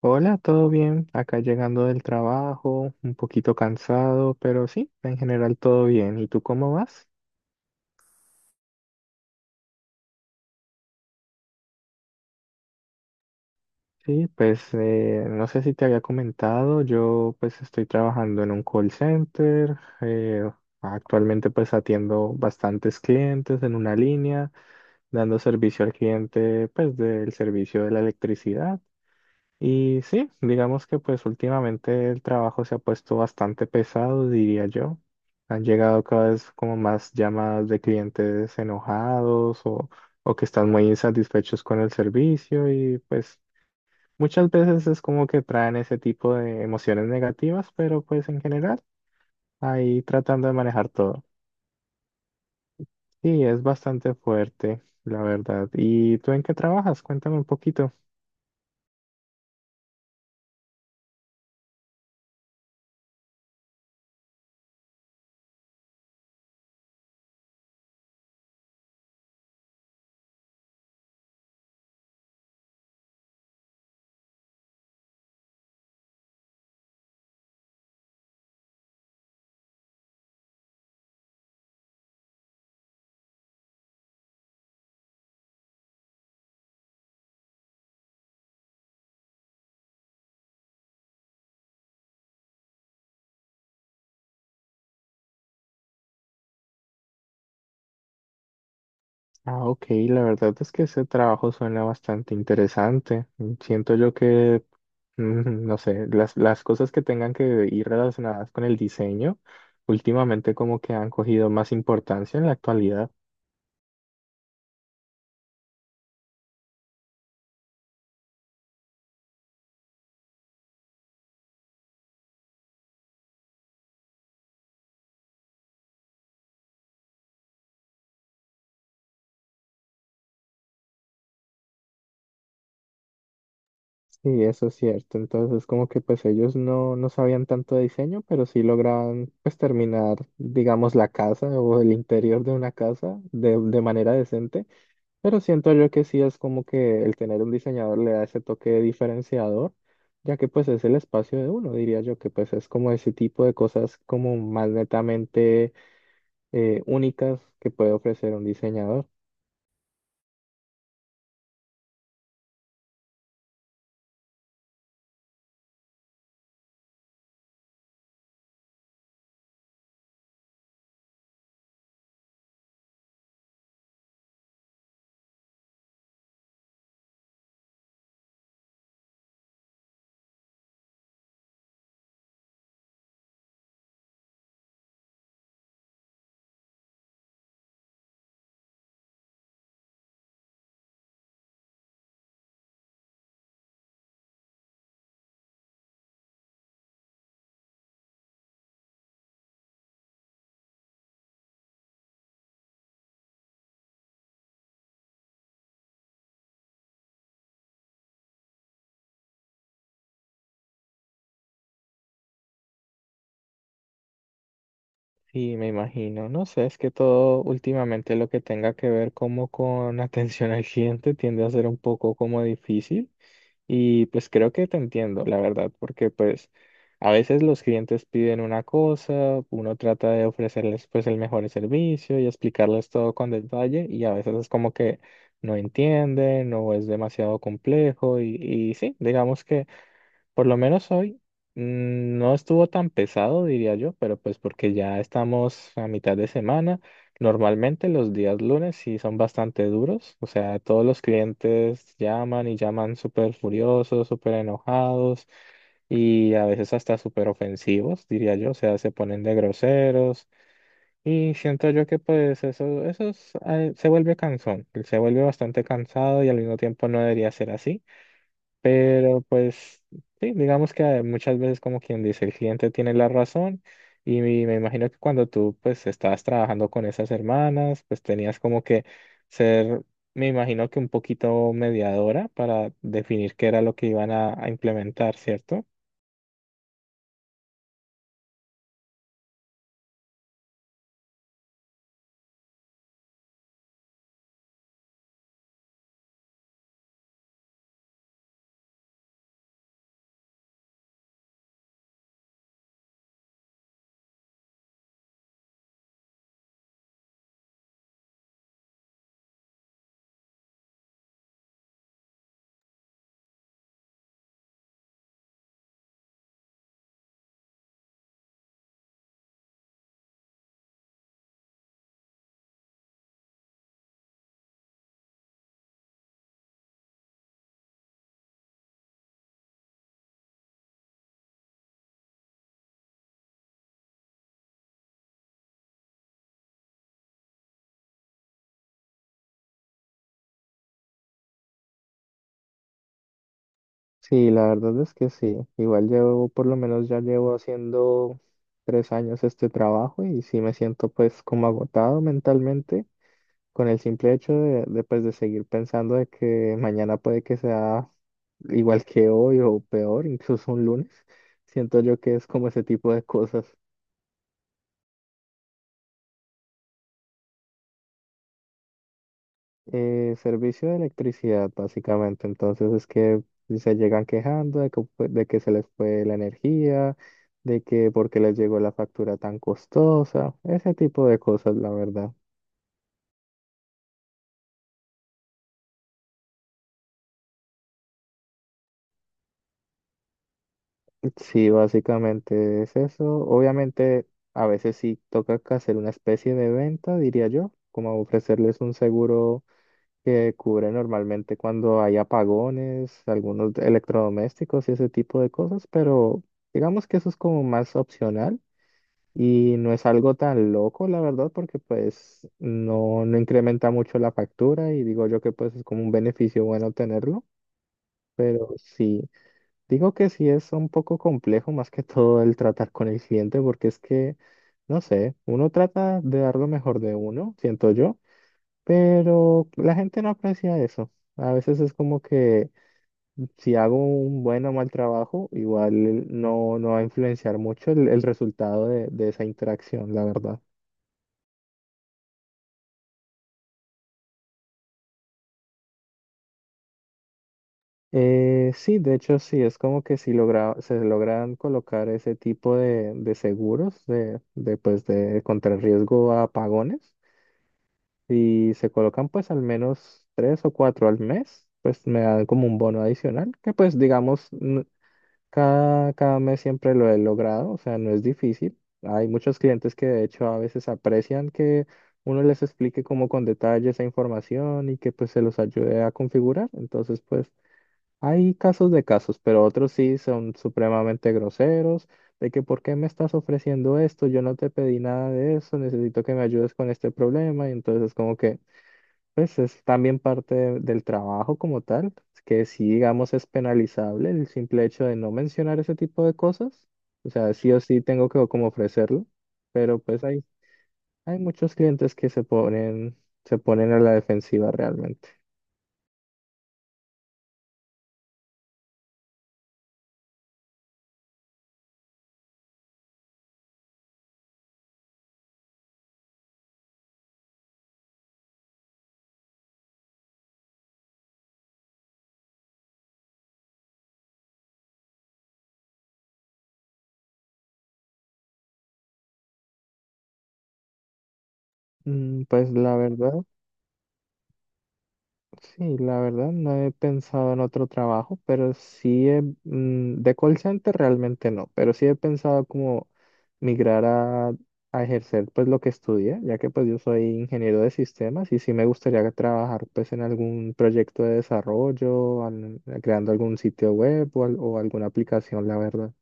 Hola, ¿todo bien? Acá llegando del trabajo, un poquito cansado, pero sí, en general todo bien. ¿Y tú cómo vas? Sí, pues no sé si te había comentado, yo pues estoy trabajando en un call center, actualmente pues atiendo bastantes clientes en una línea, dando servicio al cliente pues del servicio de la electricidad. Y sí, digamos que pues últimamente el trabajo se ha puesto bastante pesado, diría yo. Han llegado cada vez como más llamadas de clientes enojados o que están muy insatisfechos con el servicio y pues muchas veces es como que traen ese tipo de emociones negativas, pero pues en general ahí tratando de manejar todo. Sí, es bastante fuerte, la verdad. ¿Y tú en qué trabajas? Cuéntame un poquito. Ah, ok, la verdad es que ese trabajo suena bastante interesante. Mm, siento yo que no sé, las cosas que tengan que ir relacionadas con el diseño, últimamente como que han cogido más importancia en la actualidad. Sí, eso es cierto. Entonces como que pues ellos no, no sabían tanto de diseño, pero sí lograban pues terminar, digamos, la casa o el interior de una casa de manera decente. Pero siento yo que sí es como que el tener un diseñador le da ese toque diferenciador, ya que pues es el espacio de uno, diría yo, que pues es como ese tipo de cosas como más netamente únicas que puede ofrecer un diseñador. Y me imagino, no sé, es que todo últimamente lo que tenga que ver como con atención al cliente tiende a ser un poco como difícil. Y pues creo que te entiendo, la verdad, porque pues a veces los clientes piden una cosa, uno trata de ofrecerles pues el mejor servicio y explicarles todo con detalle y a veces es como que no entienden o es demasiado complejo y sí, digamos que... Por lo menos hoy no estuvo tan pesado, diría yo, pero pues porque ya estamos a mitad de semana. Normalmente los días lunes sí son bastante duros, o sea, todos los clientes llaman y llaman súper furiosos, súper enojados y a veces hasta súper ofensivos, diría yo, o sea, se ponen de groseros y siento yo que pues eso es, se vuelve cansón, se vuelve bastante cansado y al mismo tiempo no debería ser así. Pero pues sí, digamos que muchas veces como quien dice, el cliente tiene la razón y me imagino que cuando tú pues estabas trabajando con esas hermanas, pues tenías como que ser, me imagino que un poquito mediadora para definir qué era lo que iban a implementar, ¿cierto? Sí, la verdad es que sí. Igual llevo, por lo menos ya llevo haciendo 3 años este trabajo y sí me siento pues como agotado mentalmente, con el simple hecho pues, de seguir pensando de que mañana puede que sea igual que hoy o peor, incluso un lunes, siento yo que es como ese tipo de cosas. Servicio de electricidad, básicamente. Entonces es que se llegan quejando de que se les fue la energía, de que porque les llegó la factura tan costosa, ese tipo de cosas, la verdad. Sí, básicamente es eso. Obviamente, a veces sí toca que hacer una especie de venta, diría yo, como ofrecerles un seguro que cubre normalmente cuando hay apagones, algunos electrodomésticos y ese tipo de cosas, pero digamos que eso es como más opcional y no es algo tan loco, la verdad, porque pues no, no incrementa mucho la factura y digo yo que pues es como un beneficio bueno tenerlo, pero sí. Digo que sí es un poco complejo más que todo el tratar con el cliente porque es que, no sé, uno trata de dar lo mejor de uno, siento yo, pero la gente no aprecia eso. A veces es como que si hago un buen o mal trabajo, igual no, no va a influenciar mucho el resultado de esa interacción, la verdad. Sí, de hecho sí, es como que si logra, se logran colocar ese tipo de seguros pues, de contrarriesgo a apagones. Si se colocan pues al menos tres o cuatro al mes, pues me dan como un bono adicional, que pues digamos, cada mes siempre lo he logrado, o sea, no es difícil. Hay muchos clientes que de hecho a veces aprecian que uno les explique como con detalle esa información y que pues se los ayude a configurar. Entonces pues hay casos de casos, pero otros sí son supremamente groseros, de que ¿por qué me estás ofreciendo esto? Yo no te pedí nada de eso, necesito que me ayudes con este problema y entonces como que... Pues es también parte del trabajo como tal, que sí, digamos, es penalizable el simple hecho de no mencionar ese tipo de cosas. O sea, sí o sí tengo que como ofrecerlo, pero pues hay muchos clientes que se ponen a la defensiva realmente. Mm, pues la verdad. Sí, la verdad no he pensado en otro trabajo, pero sí he, de call center realmente no, pero sí he pensado como migrar a ejercer pues lo que estudié, ya que pues yo soy ingeniero de sistemas y sí me gustaría trabajar pues en algún proyecto de desarrollo, creando algún sitio web o alguna aplicación, la verdad.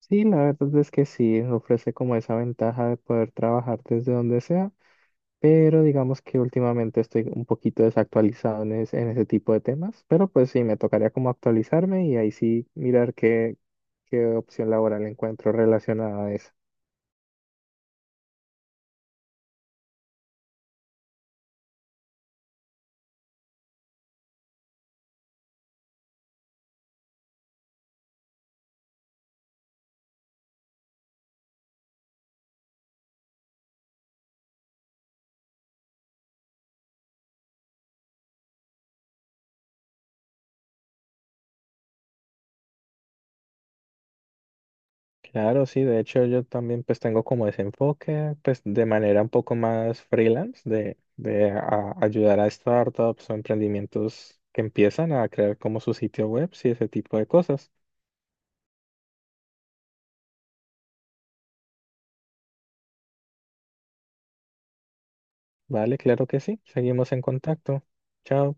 Sí, la verdad es que sí, ofrece como esa ventaja de poder trabajar desde donde sea, pero digamos que últimamente estoy un poquito desactualizado en ese tipo de temas, pero pues sí, me tocaría como actualizarme y ahí sí mirar qué, qué opción laboral encuentro relacionada a eso. Claro, sí, de hecho yo también pues tengo como ese enfoque, pues de manera un poco más freelance, ayudar a startups o emprendimientos que empiezan a crear como su sitio web y ese tipo de cosas. Vale, claro que sí, seguimos en contacto. Chao.